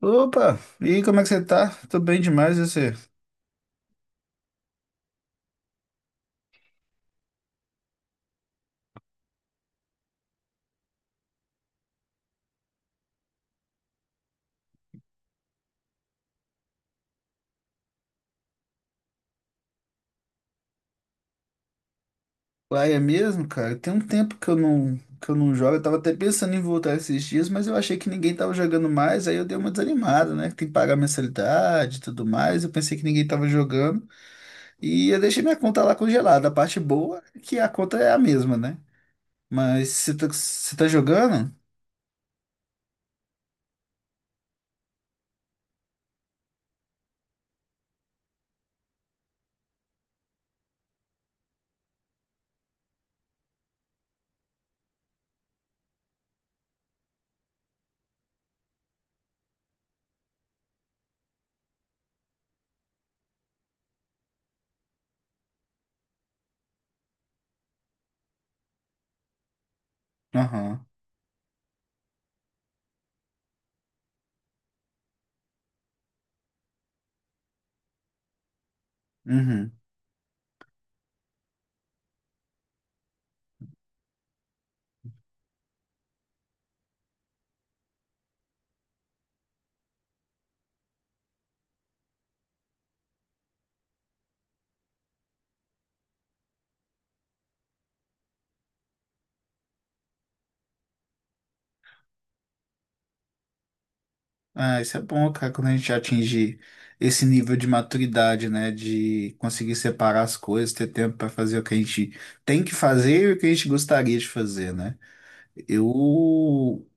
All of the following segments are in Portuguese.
Opa, e aí, como é que você tá? Tô bem demais, e você? Uai, é mesmo, cara? Tem um tempo que eu não jogo. Eu tava até pensando em voltar esses dias, mas eu achei que ninguém tava jogando mais, aí eu dei uma desanimada, né? Tem que pagar mensalidade e tudo mais. Eu pensei que ninguém tava jogando. E eu deixei minha conta lá congelada. A parte boa é que a conta é a mesma, né? Mas você tá jogando? Aham. Uhum. Ah, isso é bom, cara, quando a gente atingir esse nível de maturidade, né? De conseguir separar as coisas, ter tempo para fazer o que a gente tem que fazer e o que a gente gostaria de fazer, né? Eu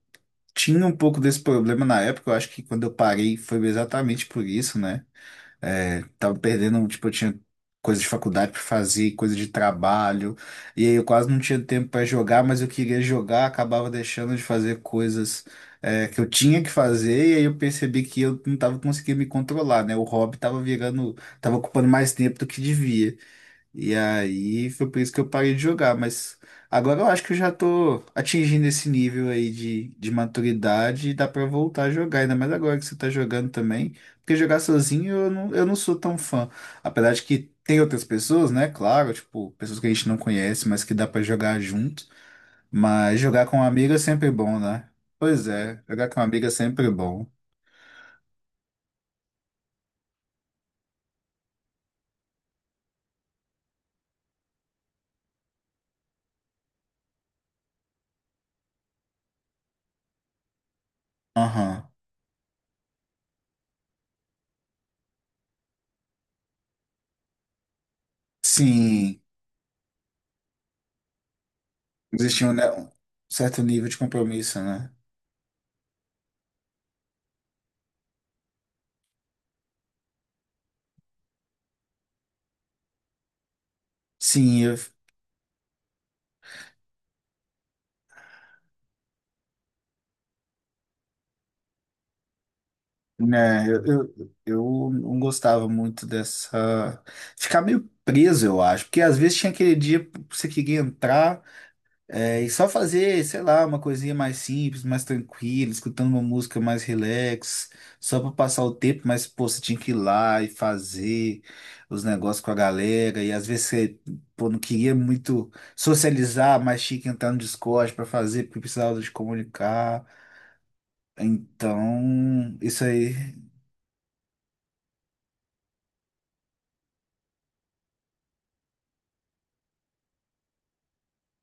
tinha um pouco desse problema na época, eu acho que quando eu parei foi exatamente por isso, né? É, tava perdendo, tipo, eu tinha coisa de faculdade pra fazer, coisa de trabalho, e aí eu quase não tinha tempo pra jogar, mas eu queria jogar, acabava deixando de fazer coisas, que eu tinha que fazer, e aí eu percebi que eu não tava conseguindo me controlar, né? O hobby tava ocupando mais tempo do que devia. E aí foi por isso que eu parei de jogar, mas agora eu acho que eu já tô atingindo esse nível aí de, maturidade e dá pra voltar a jogar, ainda mais agora que você tá jogando também, porque jogar sozinho eu não sou tão fã. Apesar de que tem outras pessoas, né? Claro, tipo, pessoas que a gente não conhece, mas que dá pra jogar junto. Mas jogar com um amigo é sempre bom, né? Pois é, jogar com um amigo é sempre bom. Aham. Sim, existia um certo nível de compromisso, né? Sim, eu né, eu não gostava muito dessa. Ficar meio preso, eu acho, porque às vezes tinha aquele dia que você queria entrar e só fazer, sei lá, uma coisinha mais simples, mais tranquila, escutando uma música mais relax, só para passar o tempo, mas pô, você tinha que ir lá e fazer os negócios com a galera, e às vezes você pô, não queria muito socializar, mas tinha que entrar no Discord para fazer, porque precisava de comunicar. Então, isso aí.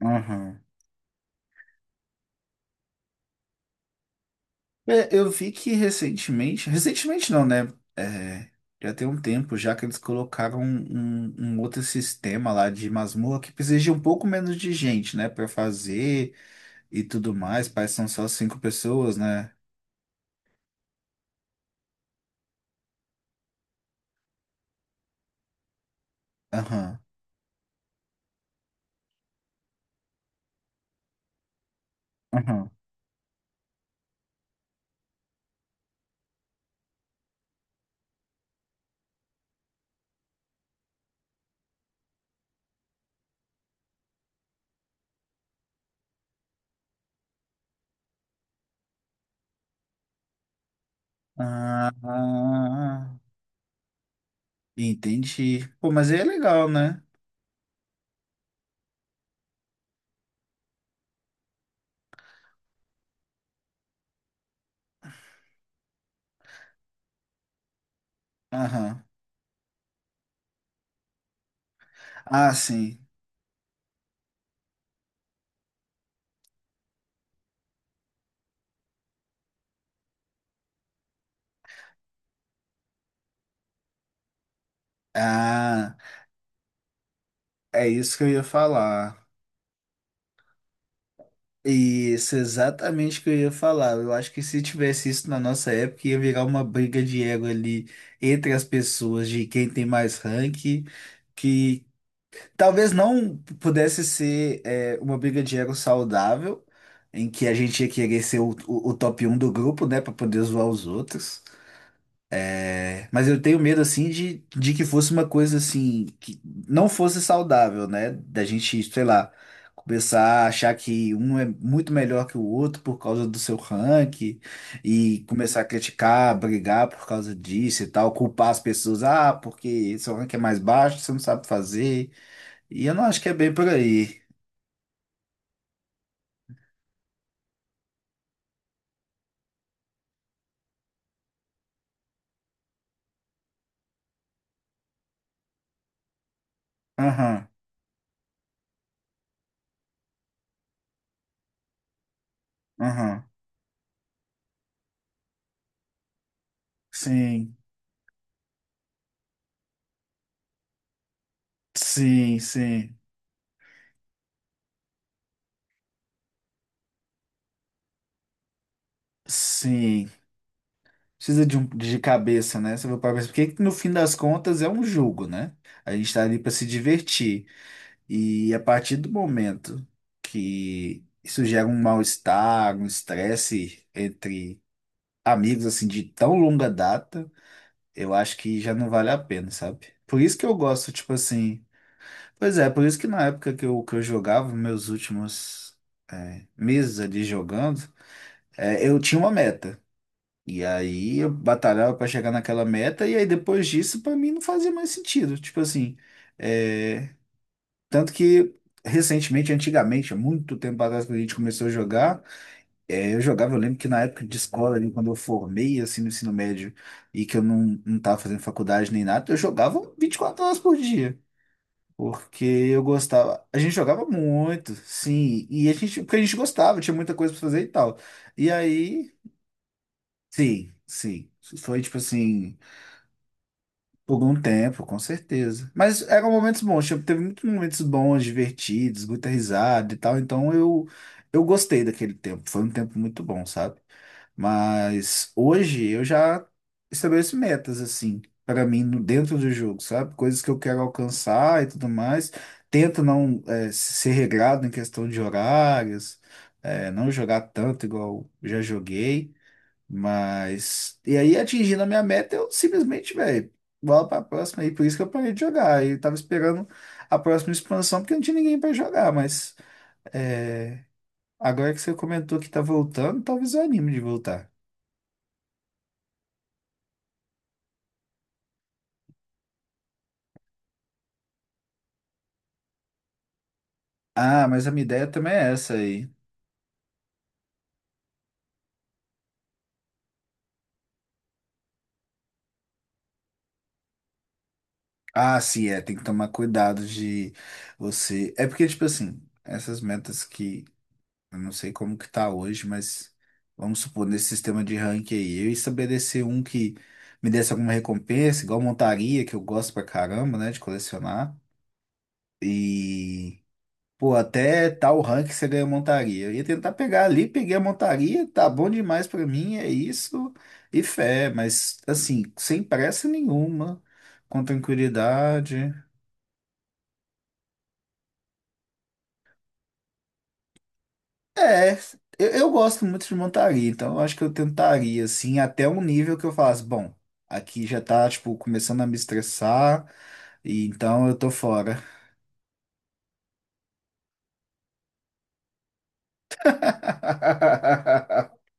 Aham. É, eu vi que recentemente, recentemente não, né? É, já tem um tempo já que eles colocaram um outro sistema lá de masmorra que precisa de um pouco menos de gente, né? Pra fazer e tudo mais. Parece que são só cinco pessoas, né? Aham, aham. Ah, ah, entendi. Pô, mas aí é legal, né? Aham. Ah, sim. Ah, é isso que eu ia falar. Isso, exatamente o que eu ia falar. Eu acho que se tivesse isso na nossa época, ia virar uma briga de ego ali entre as pessoas de quem tem mais rank, que talvez não pudesse ser uma briga de ego saudável, em que a gente ia querer ser o top um do grupo, né, para poder zoar os outros. Mas eu tenho medo, assim, de, que fosse uma coisa, assim, que não fosse saudável, né? Da gente, sei lá, começar a achar que um é muito melhor que o outro por causa do seu ranking e começar a criticar, brigar por causa disso e tal, culpar as pessoas, ah, porque seu ranking é mais baixo, você não sabe fazer. E eu não acho que é bem por aí. Aham, aham. Sim, sim, sim, sim. Precisa de, de cabeça, né? Você vai para pensar, porque no fim das contas é um jogo, né? A gente tá ali para se divertir. E a partir do momento que isso gera um mal-estar, um estresse entre amigos, assim, de tão longa data, eu acho que já não vale a pena, sabe? Por isso que eu gosto, tipo assim. Pois é, por isso que na época que eu jogava, meus últimos, meses ali jogando, eu tinha uma meta. E aí eu batalhava para chegar naquela meta, e aí depois disso, para mim, não fazia mais sentido. Tipo assim, é, tanto que recentemente, antigamente, há muito tempo atrás, quando a gente começou a jogar, eu jogava, eu lembro que na época de escola, ali, quando eu formei, assim, no ensino médio, e que eu não tava fazendo faculdade nem nada, eu jogava 24 horas por dia. Porque eu gostava, a gente jogava muito, sim, e porque a gente gostava, tinha muita coisa para fazer e tal. E aí, sim, sim, foi tipo assim. Por um tempo, com certeza. Mas eram momentos bons, tipo, teve muitos momentos bons, divertidos, muita risada e tal. Então eu gostei daquele tempo. Foi um tempo muito bom, sabe? Mas hoje eu já estabeleço metas, assim, para mim, dentro do jogo, sabe? Coisas que eu quero alcançar e tudo mais. Tento não, ser regrado em questão de horários, não jogar tanto igual já joguei. Mas. E aí, atingindo a minha meta, eu simplesmente, velho, bola pra próxima aí. Por isso que eu parei de jogar. Eu tava esperando a próxima expansão, porque não tinha ninguém pra jogar. Mas. é, Agora que você comentou que tá voltando, talvez eu anime de voltar. Ah, mas a minha ideia também é essa aí. Ah, sim, é. Tem que tomar cuidado de você. É porque, tipo assim, essas metas que Eu não sei como que tá hoje, mas vamos supor, nesse sistema de ranking aí, eu estabelecer um que me desse alguma recompensa, igual montaria, que eu gosto pra caramba, né, de colecionar. E, pô, até tal rank você ganha montaria. Eu ia tentar pegar ali, peguei a montaria, tá bom demais pra mim, é isso, e fé, mas assim, sem pressa nenhuma, com tranquilidade. É, eu gosto muito de montaria, então eu acho que eu tentaria, assim, até um nível que eu falasse, bom, aqui já tá, tipo, começando a me estressar, e então eu tô fora.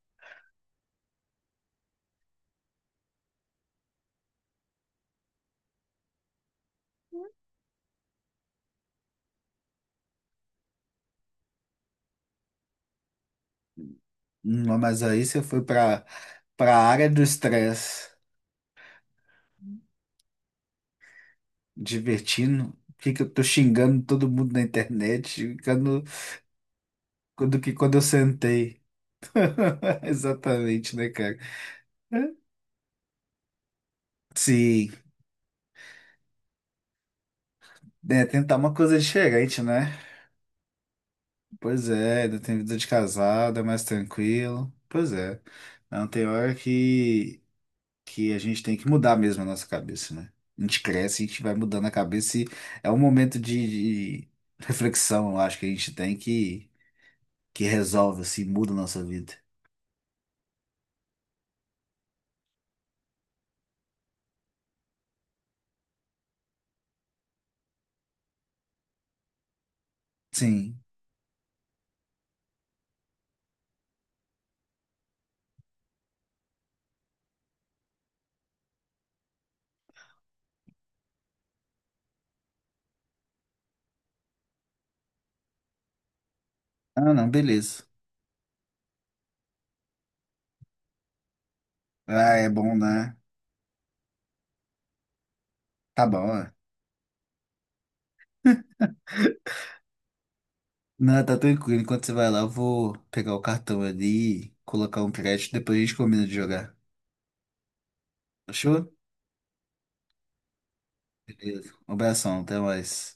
Não, mas aí você foi pra, área do estresse, divertindo, que eu tô xingando todo mundo na internet, xingando quando que quando eu sentei. Exatamente, né, cara? Sim, né, tentar uma coisa diferente, né? Pois é, ainda tem vida de casada, mais tranquilo. Pois é. Não tem hora que, a gente tem que mudar mesmo a nossa cabeça, né? A gente cresce, a gente vai mudando a cabeça e é um momento de, reflexão, eu acho que a gente tem que resolve, assim, muda a nossa vida. Sim. Ah, não, beleza. Ah, é bom, né? Tá bom, é. Não, tá tranquilo. Enquanto você vai lá, eu vou pegar o cartão ali, colocar um crédito, depois a gente combina de jogar. Fechou? Beleza. Um abração, até mais.